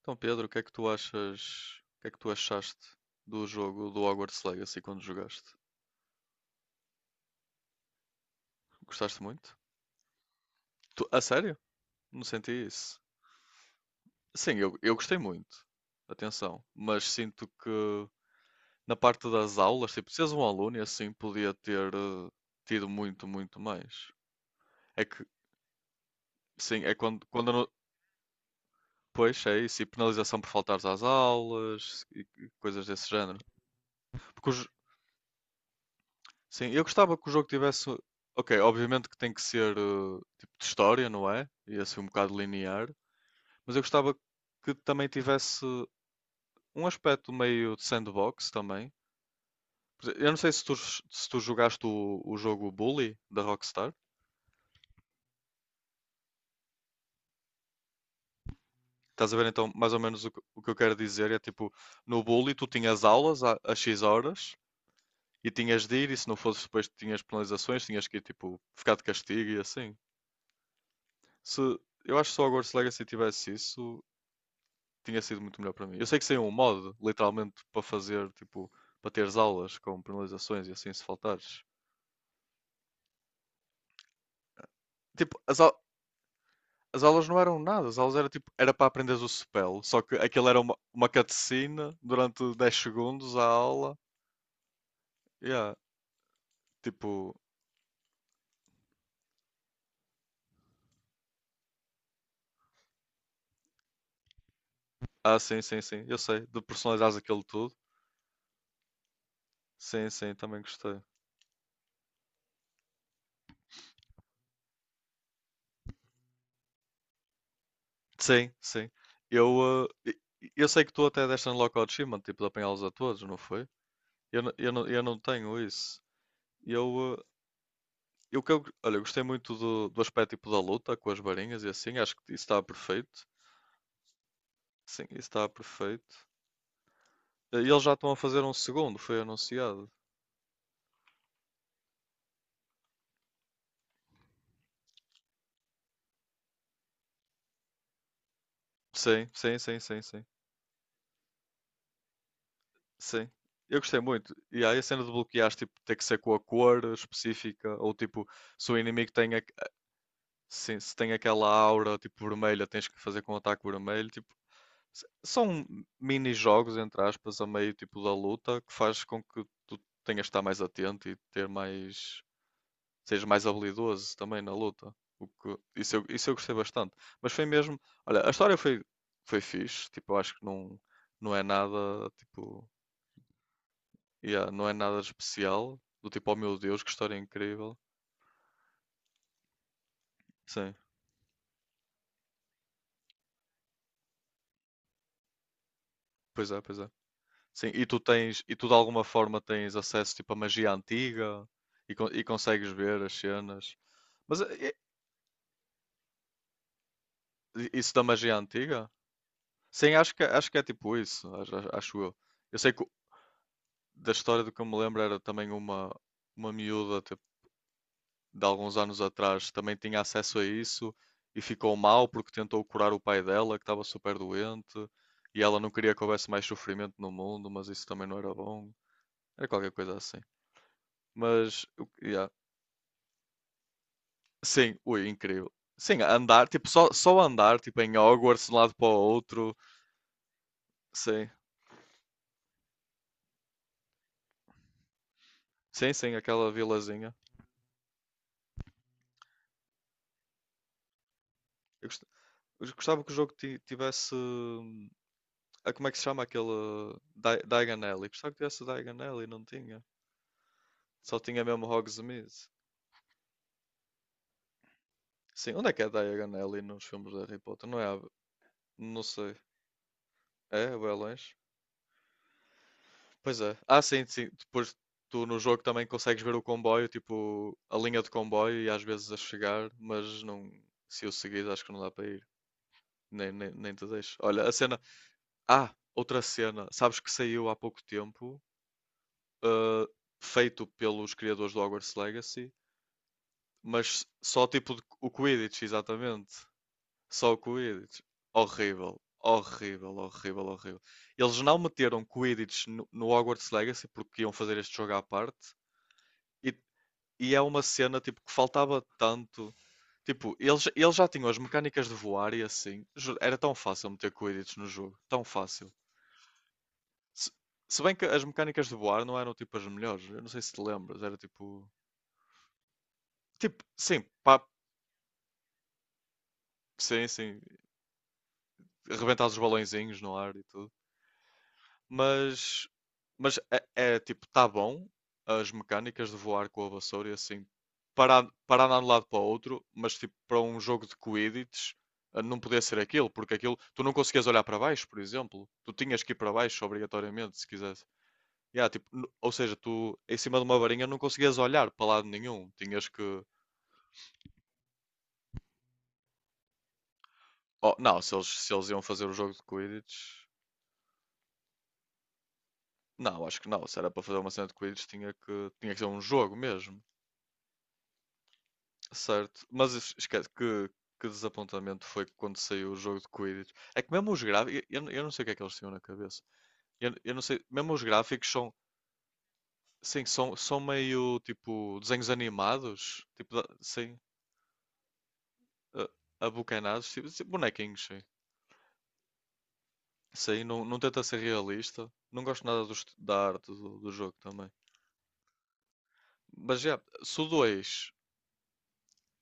Então, Pedro, o que é que tu achas? O que é que tu achaste do jogo do Hogwarts Legacy quando jogaste? Gostaste muito? A sério? Não senti isso. Sim, eu gostei muito. Atenção. Mas sinto que na parte das aulas, tipo, se és um aluno e assim podia ter tido muito mais. É que, sim, é quando eu pois, é isso. E penalização por faltares às aulas e coisas desse género. Porque os, Sim, eu gostava que o jogo tivesse. Ok, obviamente que tem que ser tipo de história, não é? E é assim um bocado linear. Mas eu gostava que também tivesse um aspecto meio de sandbox também. Eu não sei se tu jogaste o jogo Bully da Rockstar. Estás a ver então mais ou menos o que eu quero dizer? É tipo, no Bully tu tinhas às X horas e tinhas de ir, e se não fosse depois tinhas penalizações, tinhas que ir tipo, ficar de castigo e assim. Se, eu acho que só o Hogwarts Legacy tivesse isso, tinha sido muito melhor para mim. Eu sei que saiu um modo, literalmente, para fazer, tipo, para teres aulas com penalizações e assim se faltares. Tipo, as aulas não eram nada, as aulas era tipo, era para aprenderes o spell, só que aquilo era uma cutscene durante dez segundos a aula. Yeah, tipo, ah, sim, eu sei, de personalizares aquilo tudo. Sim, sim, também gostei. Sim, sim. Eu, eh, eu sei que tu até deste unlock ao achievement, tipo, de apanhá-los a todos, não foi? Não, eu não tenho isso. Eu, eh, e o que eu, olha, eu gostei muito do aspecto tipo da luta com as varinhas e assim, acho que isso está perfeito. Sim, isso está perfeito. E eles já estão a fazer um segundo, foi anunciado. Sim, sim. Sim. Eu gostei muito. E aí a cena de bloquear, tipo, ter que ser com a cor específica, ou tipo, se o inimigo sim, se tem aquela aura, tipo, vermelha, tens que fazer com o ataque vermelho. Tipo, são mini-jogos, entre aspas, a meio, tipo, da luta, que faz com que tu tenhas de estar mais atento e ter mais seja mais habilidoso também na luta. O que, isso eu gostei bastante. Mas foi mesmo. Olha, a foi fixe. Tipo, eu acho que não, não é nada. Tipo, yeah, não é nada especial. Do tipo, oh meu Deus, que história incrível. Sim, pois é. Sim, e tu tens. E tu de alguma forma tens acesso tipo, à magia antiga e consegues ver as cenas. Mas isso da magia antiga? Sim, acho que é tipo isso. Acho eu. Eu sei que da história do que eu me lembro era também uma miúda tipo, de alguns anos atrás também tinha acesso a isso e ficou mal porque tentou curar o pai dela que estava super doente e ela não queria que houvesse mais sofrimento no mundo, mas isso também não era bom. Era qualquer coisa assim. Yeah. Sim, ui, incrível. Sim, andar, tipo, só andar, tipo, em Hogwarts de um lado para o outro. Sim, sim, sim, aquela vilazinha. Eu gost- eu gostava que o jogo tivesse ah, como é que se chama aquele Di Diagon Alley? Gostava que tivesse Diagon Alley, não tinha. Só tinha mesmo Hogsmeade. Sim, onde é que é Diagon Alley nos filmes de Harry Potter? Não é? Não sei. É, ou é longe. Pois é. Ah, sim, sim. Depois tu no jogo também consegues ver o comboio, tipo a linha de comboio e às vezes a chegar, mas não, se eu seguir acho que não dá para ir. Nem te deixo. Olha, a cena. Ah, outra cena. Sabes que saiu há pouco tempo, ah, feito pelos criadores do Hogwarts Legacy. Mas só o Quidditch, exatamente. Só o Quidditch. Horrível, horrível, horrível, horrível. Eles não meteram Quidditch no Hogwarts Legacy porque iam fazer este jogo à parte. E, e é uma cena tipo que faltava tanto. Tipo, eles já tinham as mecânicas de voar e assim. Era tão fácil meter Quidditch no jogo. Tão fácil. Se, se bem que as mecânicas de voar não eram tipo as melhores. Eu não sei se te lembras. Era tipo. Tipo, sim, pá, sim, sim. Arrebentar os balõezinhos no ar e tudo. Mas, mas é, é, tipo, tá bom as mecânicas de voar com a vassoura e assim, para, para andar de um lado para o outro, mas tipo, para um jogo de Quidditch não podia ser aquilo, porque aquilo, tu não conseguias olhar para baixo, por exemplo, tu tinhas que ir para baixo obrigatoriamente, se quisesse. Yeah, tipo, ou seja, tu em cima de uma varinha não conseguias olhar para lado nenhum, tinhas que. Oh, não, se eles, se eles iam fazer o jogo de Quidditch, não, acho que não, se era para fazer uma cena de Quidditch, tinha que ser um jogo mesmo. Certo, mas esquece que desapontamento foi quando saiu o jogo de Quidditch. É que mesmo os gráficos, eu não sei o que é que eles tinham na cabeça. Eu não sei, mesmo os gráficos são, sim, são, são meio tipo desenhos animados, tipo, sim, a- abocanados, tipo, tipo bonequinhos, sim. Sim, não, não tenta ser realista. Não gosto nada da arte do jogo também. Mas já, se o 2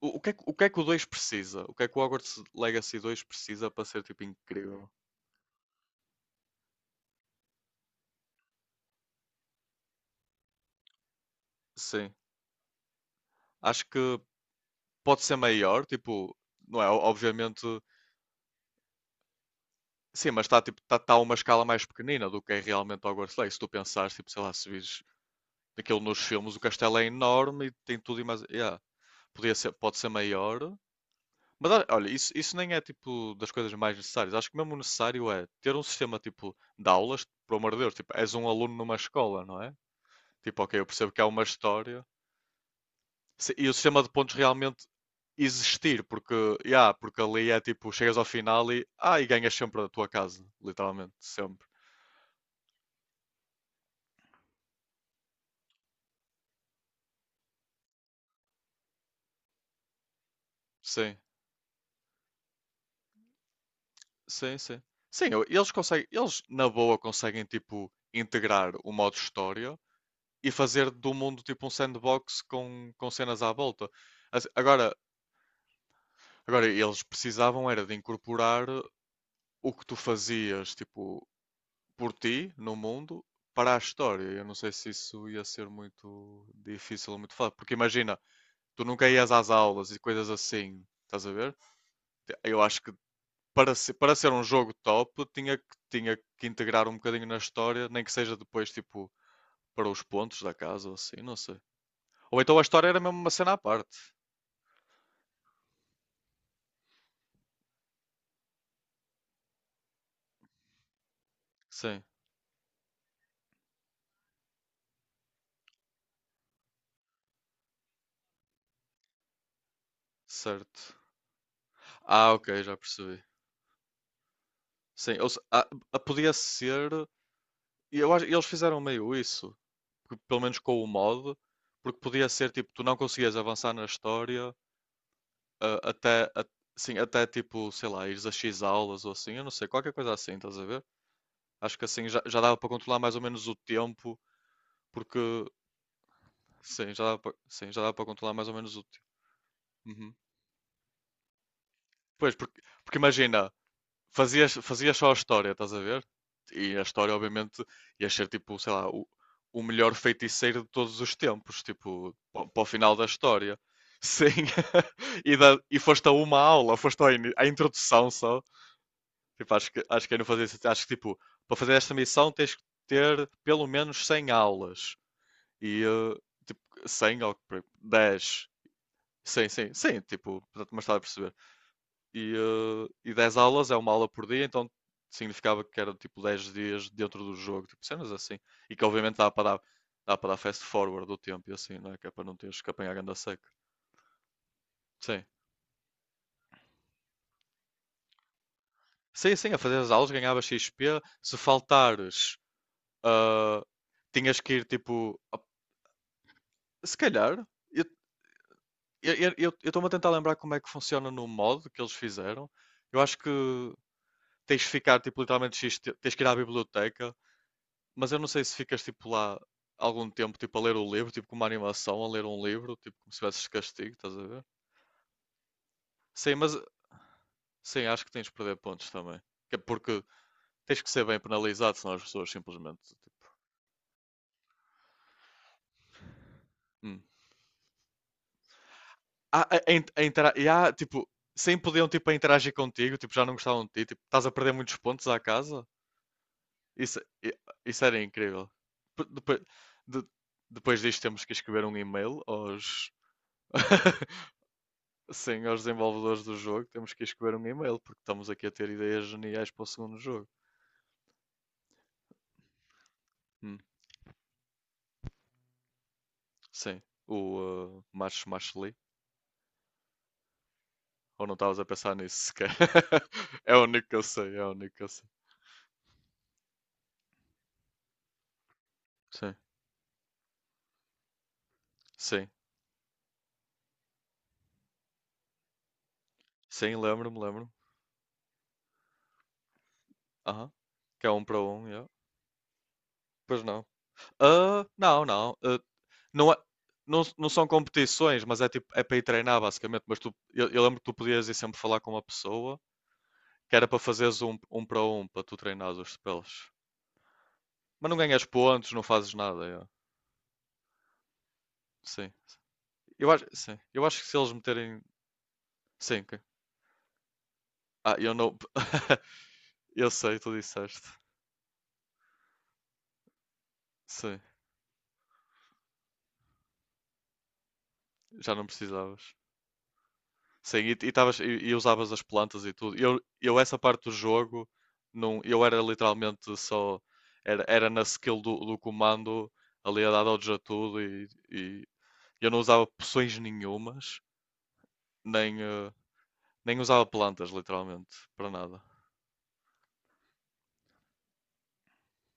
o que é, o que é que o 2 precisa? O que é que o Hogwarts Legacy 2 precisa para ser tipo incrível? Sim. Acho que pode ser maior, tipo, não é? Obviamente, sim, mas está tipo, tá, tá a uma escala mais pequenina do que é realmente Hogwarts Legacy. Se tu pensares, tipo, sei lá, se vires daquilo nos filmes, o castelo é enorme e tem tudo e mais. Yeah, podia ser, pode ser maior. Mas olha, isso nem é tipo das coisas mais necessárias. Acho que mesmo necessário é ter um sistema tipo de aulas, por amor de Deus, tipo, és um aluno numa escola, não é? Tipo, ok, eu percebo que há uma história, e o sistema de pontos realmente existir, porque, yeah, porque ali é tipo, chegas ao final e, ah, e ganhas sempre a tua casa, literalmente, sempre. Sim, sim, sim. Sim, eles conseguem, eles na boa conseguem tipo integrar o modo história e fazer do mundo tipo um sandbox com cenas à volta. Assim, agora, agora eles precisavam era de incorporar o que tu fazias, tipo, por ti no mundo para a história. Eu não sei se isso ia ser muito difícil ou muito fácil, porque imagina, tu nunca ias às aulas e coisas assim, estás a ver? Eu acho que para ser um jogo top, tinha que integrar um bocadinho na história, nem que seja depois, tipo, para os pontos da casa ou assim, não sei. Ou então a história era mesmo uma cena à parte. Sim, certo. Ah, ok, já percebi. Sim, ou se- ah, ah, podia ser. Eles fizeram meio isso, que pelo menos com o mod, porque podia ser tipo, tu não conseguias avançar na história ah, até, a- sim, até tipo, sei lá, ires a X aulas ou assim, eu não sei, qualquer coisa assim, estás a ver? Acho que assim já, já dava para controlar mais ou menos o tempo, porque sim, já dava para, sim, já dava para controlar mais ou menos o tempo. Pois, porque, porque imagina, fazias, fazias só a história, estás a ver? E a história, obviamente, ia ser tipo, sei lá, o melhor feiticeiro de todos os tempos, tipo, para o final da história. Sim, e foste a uma aula, foste à introdução só. Tipo, acho que eu não fazia sentido. Acho que, tipo, para fazer esta missão tens que ter pelo menos 100 aulas. E, eh, tipo, 10. Sim, sim, sim, tipo, portanto, mas estás a perceber e, eh, e 10 aulas é uma aula por dia, então significava que era tipo 10 dias dentro do jogo, tipo cenas assim. E que obviamente dá para dar fast forward do tempo e assim, não é? Que é para não teres que apanhar ganda seca. Sim. Sim, sim, a fazer as aulas ganhava XP. Se faltares, ah, tinhas que ir tipo. Se calhar, eu eu estou-me a tentar lembrar como é que funciona no modo que eles fizeram. Eu acho que tens de ficar tipo literalmente tens que ir à biblioteca. Mas eu não sei se ficas tipo lá algum tempo tipo a ler o livro, tipo com uma animação, a ler um livro, tipo como se tivesses castigo, estás a ver? Sim, mas sim, acho que tens de perder pontos também. Que é. Porque tens que ser bem penalizado, senão as pessoas simplesmente tipo, hum. Ah, a, in- a intera- e há, tipo, sem podiam tipo a interagir contigo, tipo, já não gostavam de ti, tipo, estás a perder muitos pontos à casa. Isso, i- isso era incrível. Depois, de, depois disto temos que escrever um e-mail aos Sim, aos desenvolvedores do jogo, temos que escrever um e-mail, porque estamos aqui a ter ideias geniais para o segundo jogo. Hum, sim, o March March. Ou não estavas a pensar nisso sequer? É o único que eu sei, é o único que eu sei. Sim, sim, sim, lembro-me, lembro-me. Aham, que é um para um, yeah. Pois não. Ah, não, não. ah, não, é, não. Não são competições, mas é tipo, é para ir treinar basicamente. Mas tu, eu lembro que tu podias ir sempre falar com uma pessoa que era para fazeres um, um para um, para tu treinares os spells. Mas não ganhas pontos, não fazes nada. Sim. Eu acho, sim. Eu acho que se eles meterem. Sim. Ah, eu não. Eu sei, tu disseste. Sim. Já não precisavas. Sim, e usavas as plantas e tudo. Eu essa parte do jogo, não, eu era literalmente só. Era, era na skill do comando, ali a dar dodge a tudo e eu não usava poções nenhumas, nem, eh, nem usava plantas, literalmente, para nada.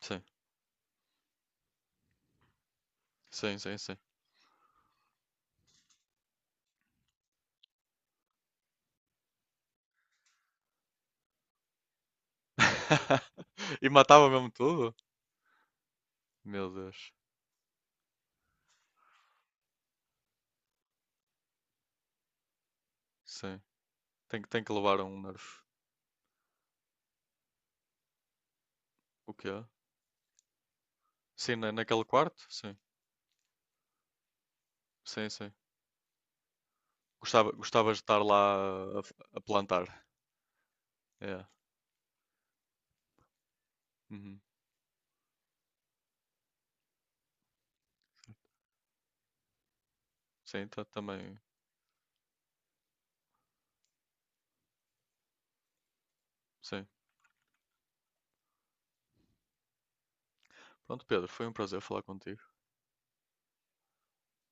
Sim, sim, sim, sim. E matava mesmo tudo? Meu Deus. Sim. Tem, tem que levar um nerf. O quê? Sim, naquele quarto? Sim. Sim, sim. Gostava, gostavas de estar lá a plantar. É. Uhum. Sim, tá, também. Sim. Pronto, Pedro, foi um prazer falar contigo.